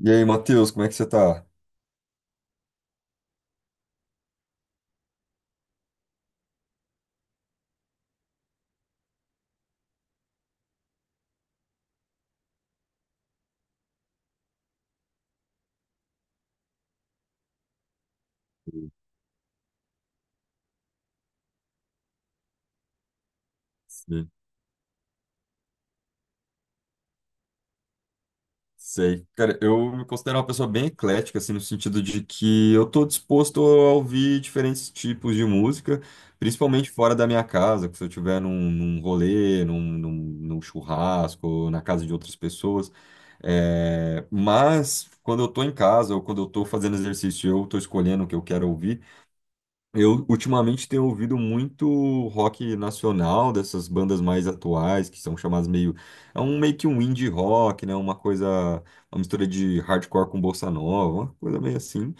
E aí, Matheus, como é que você tá? Sim, sei. Cara, eu me considero uma pessoa bem eclética, assim, no sentido de que eu tô disposto a ouvir diferentes tipos de música, principalmente fora da minha casa, que se eu estiver num rolê, num churrasco, ou na casa de outras pessoas. É, mas quando eu tô em casa ou quando eu tô fazendo exercício, eu tô escolhendo o que eu quero ouvir. Eu ultimamente tenho ouvido muito rock nacional, dessas bandas mais atuais, que são chamadas meio. É um meio que um indie rock, né? Uma coisa. Uma mistura de hardcore com bossa nova, uma coisa meio assim.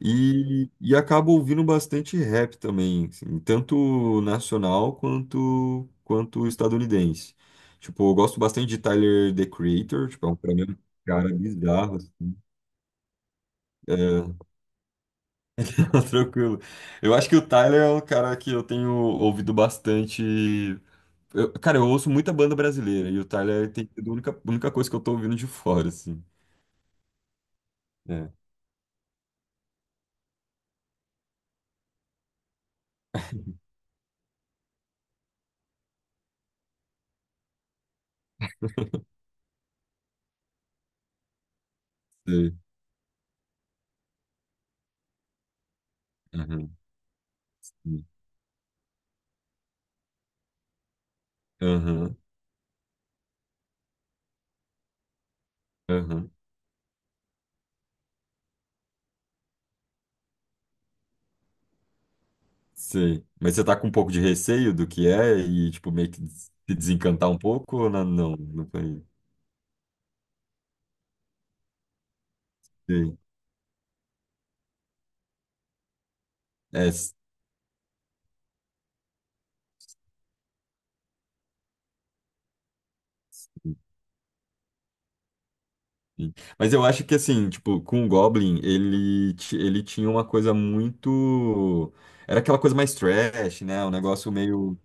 E acabo ouvindo bastante rap também, assim, tanto nacional quanto, quanto estadunidense. Tipo, eu gosto bastante de Tyler, The Creator, tipo, é um, pra mim, é um cara bizarro, assim. É, tranquilo. Eu acho que o Tyler é um cara que eu tenho ouvido bastante. Eu- cara, eu ouço muita banda brasileira e o Tyler tem sido a única coisa que eu tô ouvindo de fora, assim. É. Sei. Aham. Aham. Aham. Sei. Mas você tá com um pouco de receio do que é e, tipo, meio que se desencantar um pouco ou não? Não, não foi. Sei. É. Sim. Mas eu acho que assim, tipo, com o Goblin, ele, ti- ele tinha uma coisa muito. Era aquela coisa mais trash, né? Um negócio meio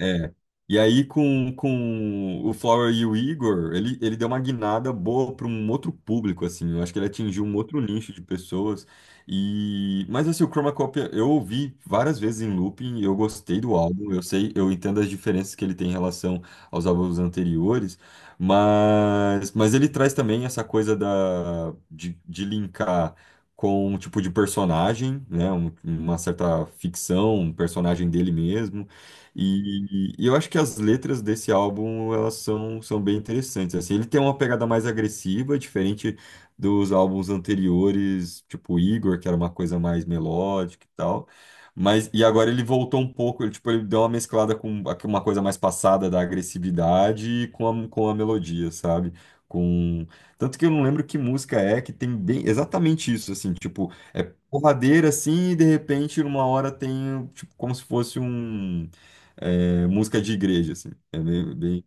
é. E aí, com o Flower e o Igor, ele deu uma guinada boa para um outro público, assim. Eu acho que ele atingiu um outro nicho de pessoas. E... mas, assim, o Chroma Copy eu ouvi várias vezes em looping, eu gostei do álbum, eu sei, eu entendo as diferenças que ele tem em relação aos álbuns anteriores, mas ele traz também essa coisa da, de linkar com um tipo de personagem, né? Um- uma certa ficção, um personagem dele mesmo e eu acho que as letras desse álbum, elas são, são bem interessantes, assim, ele tem uma pegada mais agressiva, diferente dos álbuns anteriores, tipo Igor, que era uma coisa mais melódica e tal, mas, e agora ele voltou um pouco, ele, tipo, ele deu uma mesclada com aqui uma coisa mais passada da agressividade e com a melodia, sabe? Com... tanto que eu não lembro que música é que tem bem exatamente isso, assim, tipo, é porradeira assim, e de repente, numa hora tem, tipo, como se fosse um. É, música de igreja, assim. É bem, bem,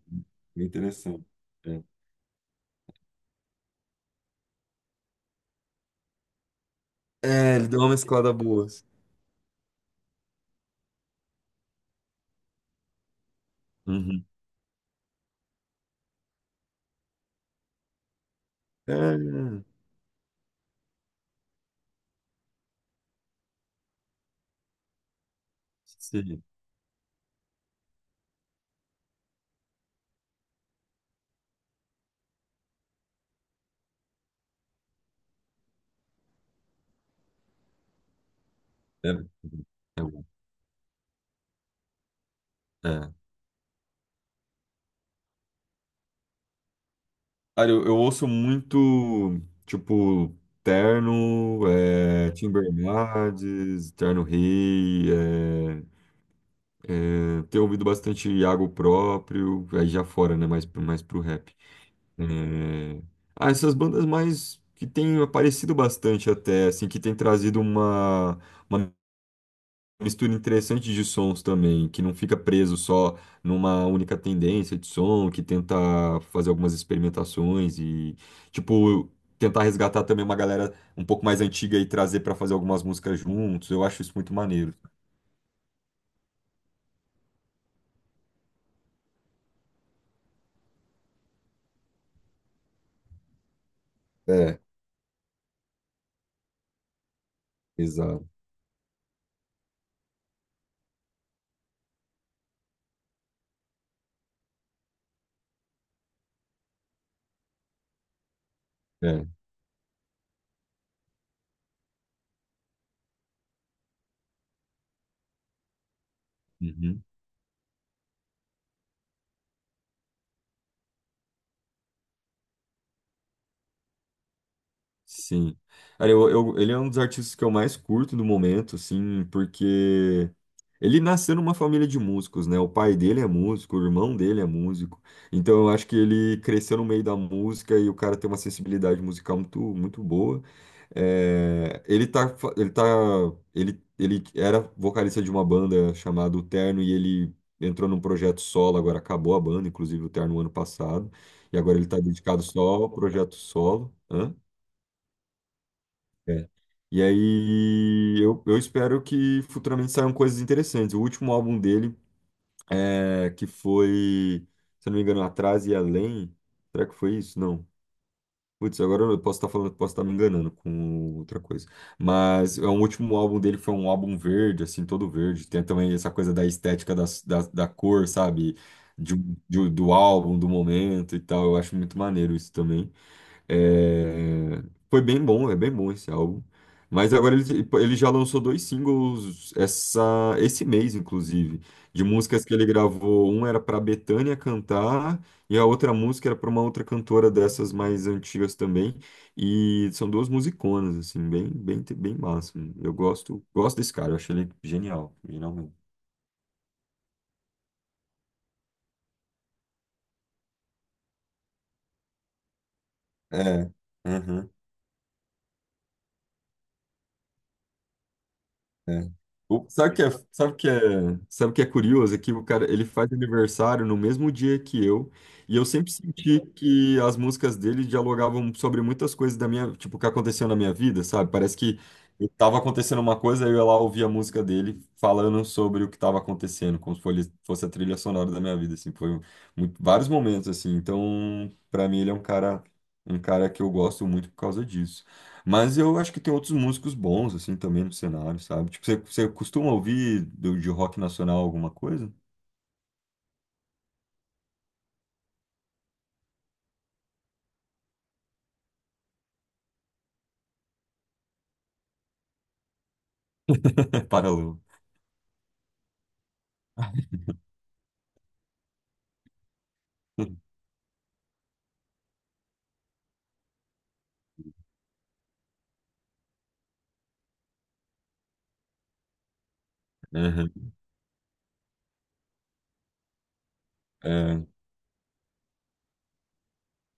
bem interessante. É. É, ele deu uma mesclada boa. Assim. Uhum. É, é, sim. É, é bom. É. Cara, eu ouço muito, tipo, Terno, é, Tim Bernardes, Terno Rei, é, é, tenho ouvido bastante Iago próprio, aí já fora, né, mais pro rap. É, ah, essas bandas mais que têm aparecido bastante até, assim, que têm trazido uma mistura interessante de sons também, que não fica preso só numa única tendência de som, que tenta fazer algumas experimentações e, tipo, tentar resgatar também uma galera um pouco mais antiga e trazer para fazer algumas músicas juntos. Eu acho isso muito maneiro. É, exato. É. Uhum. Sim. Cara, eu- ele é um dos artistas que eu mais curto no momento, assim, porque ele nasceu numa família de músicos, né? O pai dele é músico, o irmão dele é músico. Então eu acho que ele cresceu no meio da música e o cara tem uma sensibilidade musical muito, muito boa. É, ele tá, fa- ele tá, ele era vocalista de uma banda chamada O Terno e ele entrou num projeto solo, agora acabou a banda, inclusive o Terno ano passado, e agora ele tá dedicado só ao projeto solo. Hã? É. E aí eu espero que futuramente saiam coisas interessantes. O último álbum dele, é, que foi, se eu não me engano, Atrás e Além. Será que foi isso? Não. Putz, agora eu posso estar falando, posso estar me enganando com outra coisa. Mas é, o último álbum dele foi um álbum verde, assim, todo verde. Tem também essa coisa da estética das- da, da, cor, sabe? De um- do álbum, do momento e tal. Eu acho muito maneiro isso também. É, foi bem bom, é bem bom esse álbum. Mas agora ele, tipo, ele já lançou dois singles essa, esse mês, inclusive, de músicas que ele gravou. Um era para Bethânia cantar, e a outra música era para uma outra cantora dessas mais antigas também. E são duas musiconas, assim, bem, bem, bem massa. Eu gosto, gosto desse cara, eu achei ele genial, genial mesmo. É. Uhum. É. O- sabe que é, sabe que é, sabe que é curioso? É que o cara, ele faz aniversário no mesmo dia que eu, e eu sempre senti que as músicas dele dialogavam sobre muitas coisas da minha, tipo, que aconteceu na minha vida, sabe? Parece que eu tava acontecendo uma coisa, aí eu ia lá ouvia a música dele falando sobre o que tava acontecendo, como se fosse a trilha sonora da minha vida, assim, foi um- muito- vários momentos, assim. Então, pra mim, ele é um cara que eu gosto muito por causa disso. Mas eu acho que tem outros músicos bons, assim, também no cenário, sabe? Tipo, você costuma ouvir do- de rock nacional alguma coisa? Paralelo. Uhum.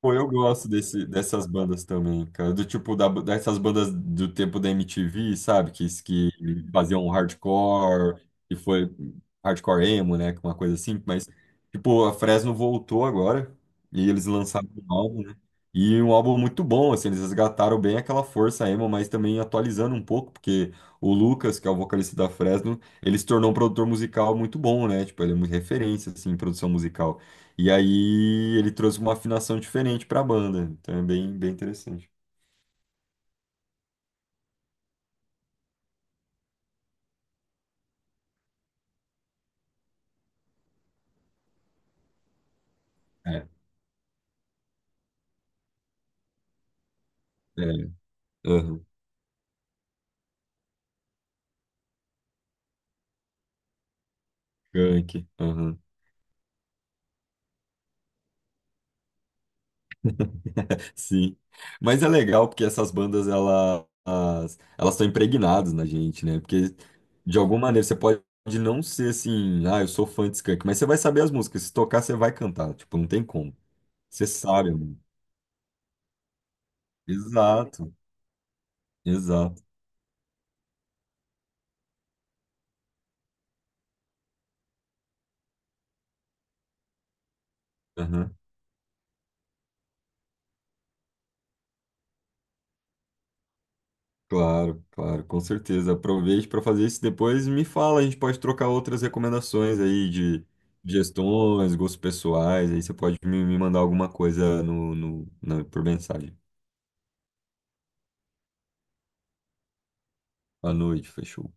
Pô, eu gosto desse, dessas bandas também, cara. Do tipo, da, dessas bandas do tempo da MTV, sabe? Que faziam hardcore, e foi hardcore emo, né? Uma coisa assim. Mas, tipo, a Fresno voltou agora e eles lançaram um álbum, né? E um álbum muito bom, assim. Eles resgataram bem aquela força emo, mas também atualizando um pouco, porque o Lucas, que é o vocalista da Fresno, ele se tornou um produtor musical muito bom, né? Tipo, ele é muito referência, assim, em produção musical. E aí ele trouxe uma afinação diferente para a banda. Então é bem, bem interessante. É, é, aham, Gank, aham, sim. Mas é legal porque essas bandas elas elas estão impregnadas na gente, né? Porque de alguma maneira você pode não ser assim, ah, eu sou fã de Skank, mas você vai saber as músicas. Se tocar, você vai cantar. Tipo, não tem como. Você sabe, mano. Exato, exato. Aham. Claro, claro, com certeza. Aproveite para fazer isso depois e me fala. A gente pode trocar outras recomendações aí de gestões, gostos pessoais. Aí você pode me, me mandar alguma coisa no, no, na- por mensagem. À noite, fechou.